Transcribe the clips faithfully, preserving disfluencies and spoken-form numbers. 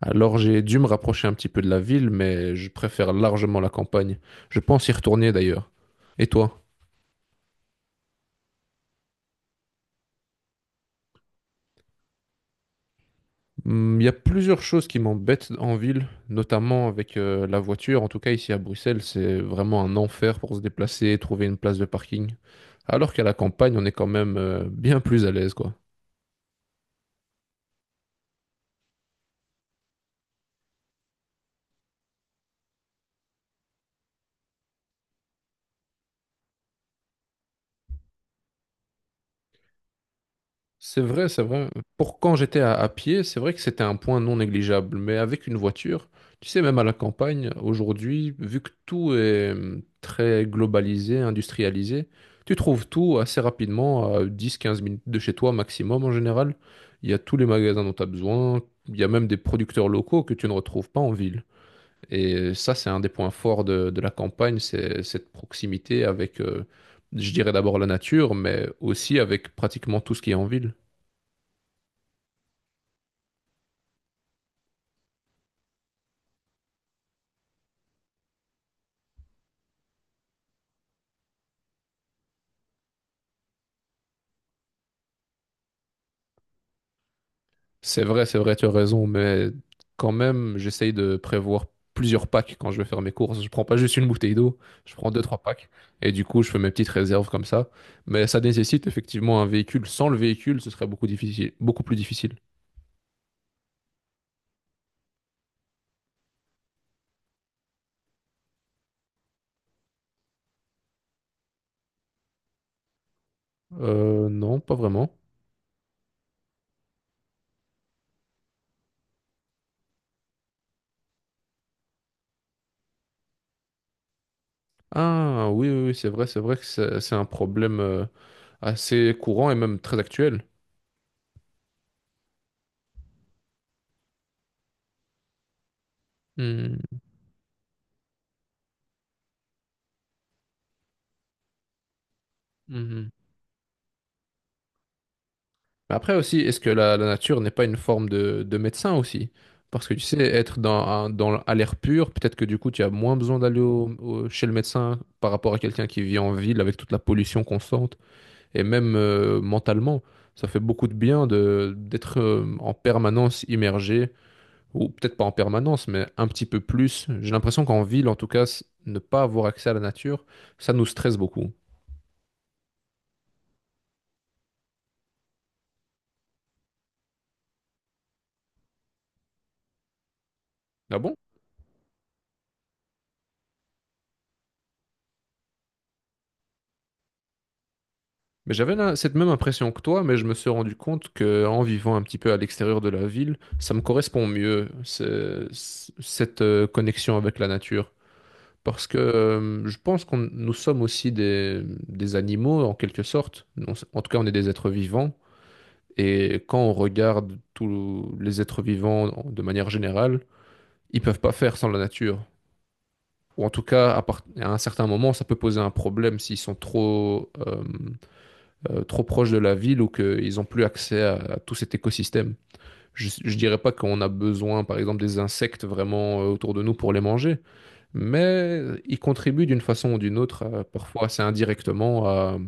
Alors j'ai dû me rapprocher un petit peu de la ville, mais je préfère largement la campagne. Je pense y retourner d'ailleurs. Et toi? Hmm, il y a plusieurs choses qui m'embêtent en ville, notamment avec euh, la voiture. En tout cas, ici à Bruxelles, c'est vraiment un enfer pour se déplacer, trouver une place de parking. Alors qu'à la campagne, on est quand même euh, bien plus à l'aise, quoi. C'est vrai, c'est vrai. Pour quand j'étais à, à pied, c'est vrai que c'était un point non négligeable. Mais avec une voiture, tu sais, même à la campagne, aujourd'hui, vu que tout est hum, très globalisé, industrialisé, tu trouves tout assez rapidement, à dix, quinze minutes de chez toi maximum en général. Il y a tous les magasins dont tu as besoin. Il y a même des producteurs locaux que tu ne retrouves pas en ville. Et ça, c'est un des points forts de, de la campagne, c'est cette proximité avec, euh, je dirais d'abord la nature, mais aussi avec pratiquement tout ce qui est en ville. C'est vrai, c'est vrai, tu as raison, mais quand même, j'essaye de prévoir plusieurs packs quand je vais faire mes courses. Je prends pas juste une bouteille d'eau, je prends deux, trois packs, et du coup, je fais mes petites réserves comme ça. Mais ça nécessite effectivement un véhicule. Sans le véhicule, ce serait beaucoup difficile, beaucoup plus difficile. Euh, non, pas vraiment. Ah, oui, oui, oui, c'est vrai, c'est vrai que c'est c'est un problème euh, assez courant et même très actuel. Hmm, mhm. Mais après aussi, est-ce que la, la nature n'est pas une forme de, de médecin aussi? Parce que tu sais, être dans, un- dans, à l'air pur, peut-être que du coup, tu as moins besoin d'aller au- au- chez le médecin par rapport à quelqu'un qui vit en ville avec toute la pollution constante. Et même euh, mentalement, ça fait beaucoup de bien de, d'être euh, en permanence immergé, ou peut-être pas en permanence, mais un petit peu plus. J'ai l'impression qu'en ville, en tout cas, s- ne pas avoir accès à la nature, ça nous stresse beaucoup. Ah bon? Mais j'avais la- cette même impression que toi, mais je me suis rendu compte que en vivant un petit peu à l'extérieur de la ville, ça me correspond mieux, ce- ce- cette euh, connexion avec la nature. Parce que euh, je pense qu'on nous sommes aussi des, des animaux, en quelque sorte. Non, c'est- en tout cas, on est des êtres vivants. Et quand on regarde tous les êtres vivants de manière générale, ils peuvent pas faire sans la nature. Ou en tout cas, à, part- à un certain moment, ça peut poser un problème s'ils sont trop... euh, euh, trop proches de la ville ou qu'ils n'ont plus accès à, à tout cet écosystème. Je ne dirais pas qu'on a besoin, par exemple, des insectes vraiment euh, autour de nous pour les manger, mais ils contribuent d'une façon ou d'une autre, euh, parfois assez indirectement, à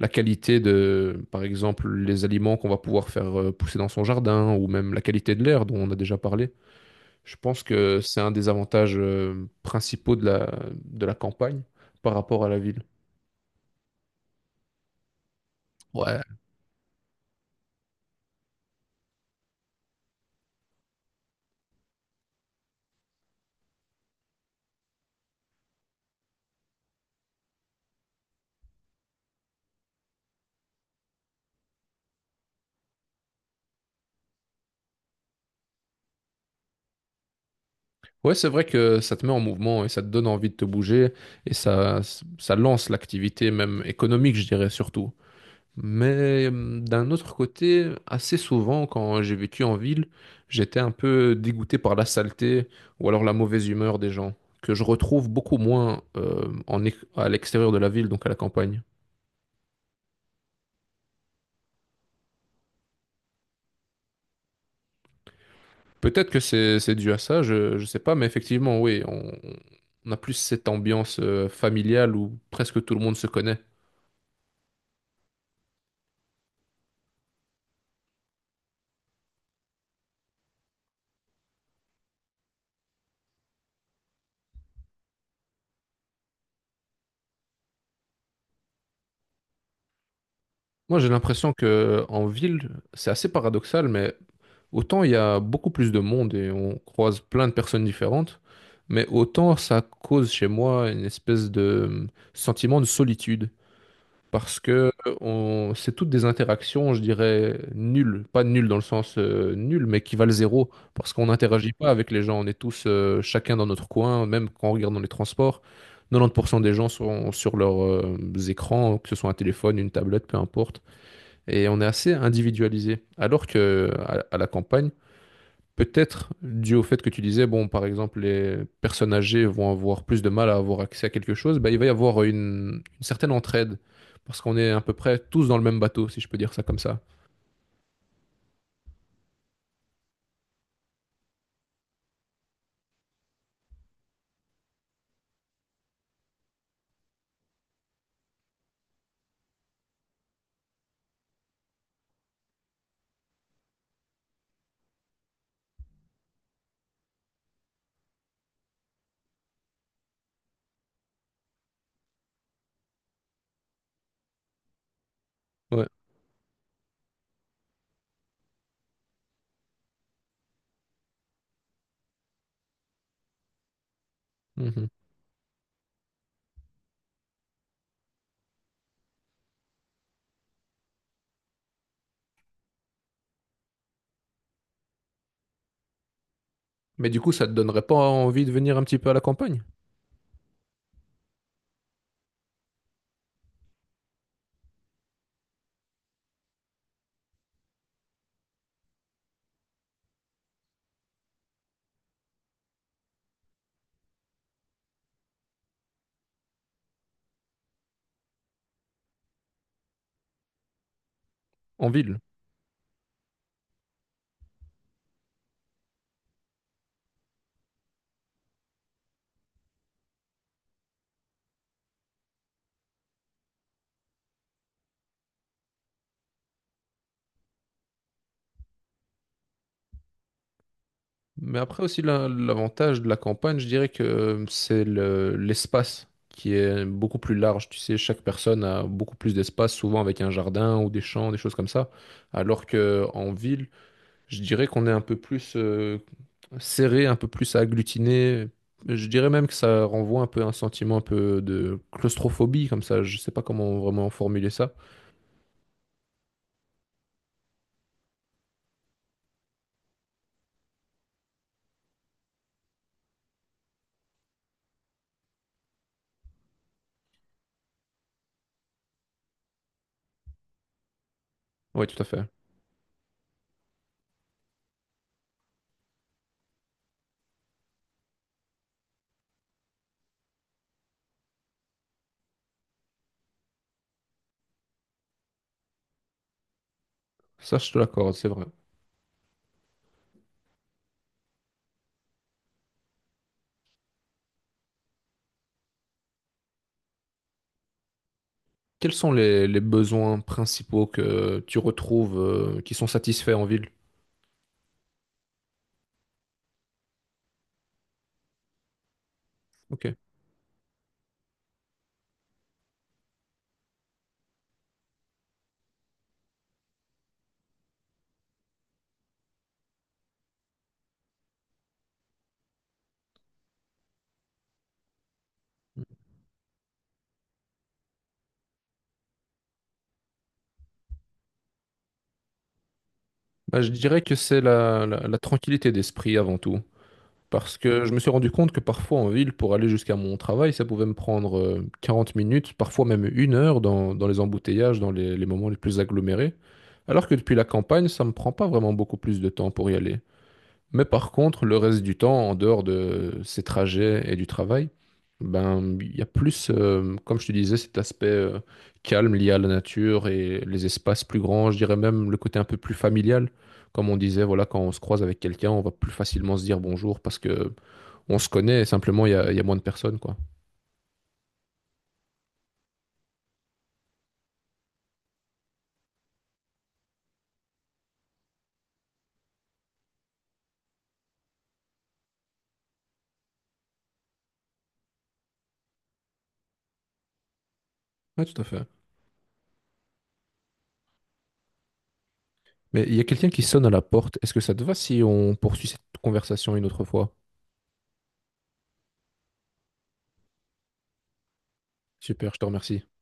la qualité de, par exemple, les aliments qu'on va pouvoir faire euh, pousser dans son jardin, ou même la qualité de l'air dont on a déjà parlé. Je pense que c'est un des avantages euh, principaux de la, de la campagne par rapport à la ville. Ouais, ouais, c'est vrai que ça te met en mouvement et ça te donne envie de te bouger et ça, ça lance l'activité même économique, je dirais surtout. Mais hum, d'un autre côté, assez souvent quand j'ai vécu en ville, j'étais un peu dégoûté par la saleté ou alors la mauvaise humeur des gens, que je retrouve beaucoup moins euh, en, é- à l'extérieur de la ville, donc à la campagne. Peut-être que c'est c'est dû à ça, je, je sais pas, mais effectivement, oui, on, on a plus cette ambiance euh, familiale où presque tout le monde se connaît. Moi, j'ai l'impression que en ville, c'est assez paradoxal, mais autant il y a beaucoup plus de monde et on croise plein de personnes différentes, mais autant ça cause chez moi une espèce de hum, sentiment de solitude. Parce que euh, on... c'est toutes des interactions, je dirais, nulles. Pas nulles dans le sens euh, nul, mais qui valent zéro. Parce qu'on n'interagit pas avec les gens. On est tous euh, chacun dans notre coin, même quand on regarde dans les transports. quatre-vingt-dix pour cent des gens sont sur leurs euh, écrans, que ce soit un téléphone, une tablette, peu importe et on est assez individualisé. Alors que à, à la campagne, peut-être dû au fait que tu disais, bon, par exemple, les personnes âgées vont avoir plus de mal à avoir accès à quelque chose, bah, il va y avoir une, une certaine entraide parce qu'on est à peu près tous dans le même bateau, si je peux dire ça comme ça. Ouais. Mhm. Mais du coup, ça te donnerait pas envie de venir un petit peu à la campagne, en ville? Mais après aussi, la- l'avantage de la campagne, je dirais que euh, c'est le- l'espace qui est beaucoup plus large. Tu sais, chaque personne a beaucoup plus d'espace, souvent avec un jardin ou des champs, des choses comme ça. Alors que en ville, je dirais qu'on est un peu plus euh, serré, un peu plus agglutiné. Je dirais même que ça renvoie un peu à un sentiment un peu de claustrophobie, comme ça. Je sais pas comment vraiment formuler ça. Oui, tout à fait. Ça, je te l'accorde, c'est vrai. Quels sont les, les besoins principaux que tu retrouves euh, qui sont satisfaits en ville? Ok. Bah, je dirais que c'est la, la- la tranquillité d'esprit avant tout. Parce que je me suis rendu compte que parfois en ville, pour aller jusqu'à mon travail, ça pouvait me prendre euh, quarante minutes, parfois même une heure dans, dans les embouteillages, dans les, les moments les plus agglomérés. Alors que depuis la campagne, ça me prend pas vraiment beaucoup plus de temps pour y aller. Mais par contre, le reste du temps, en dehors de ces trajets et du travail, ben, il y a plus, euh, comme je te disais, cet aspect euh, calme lié à la nature et les espaces plus grands, je dirais même le côté un peu plus familial. Comme on disait, voilà, quand on se croise avec quelqu'un, on va plus facilement se dire bonjour parce que on se connaît, simplement il y a, il y a moins de personnes, quoi. Ouais, tout à fait. Mais il y a quelqu'un qui sonne à la porte. Est-ce que ça te va si on poursuit cette conversation une autre fois? Super, je te remercie.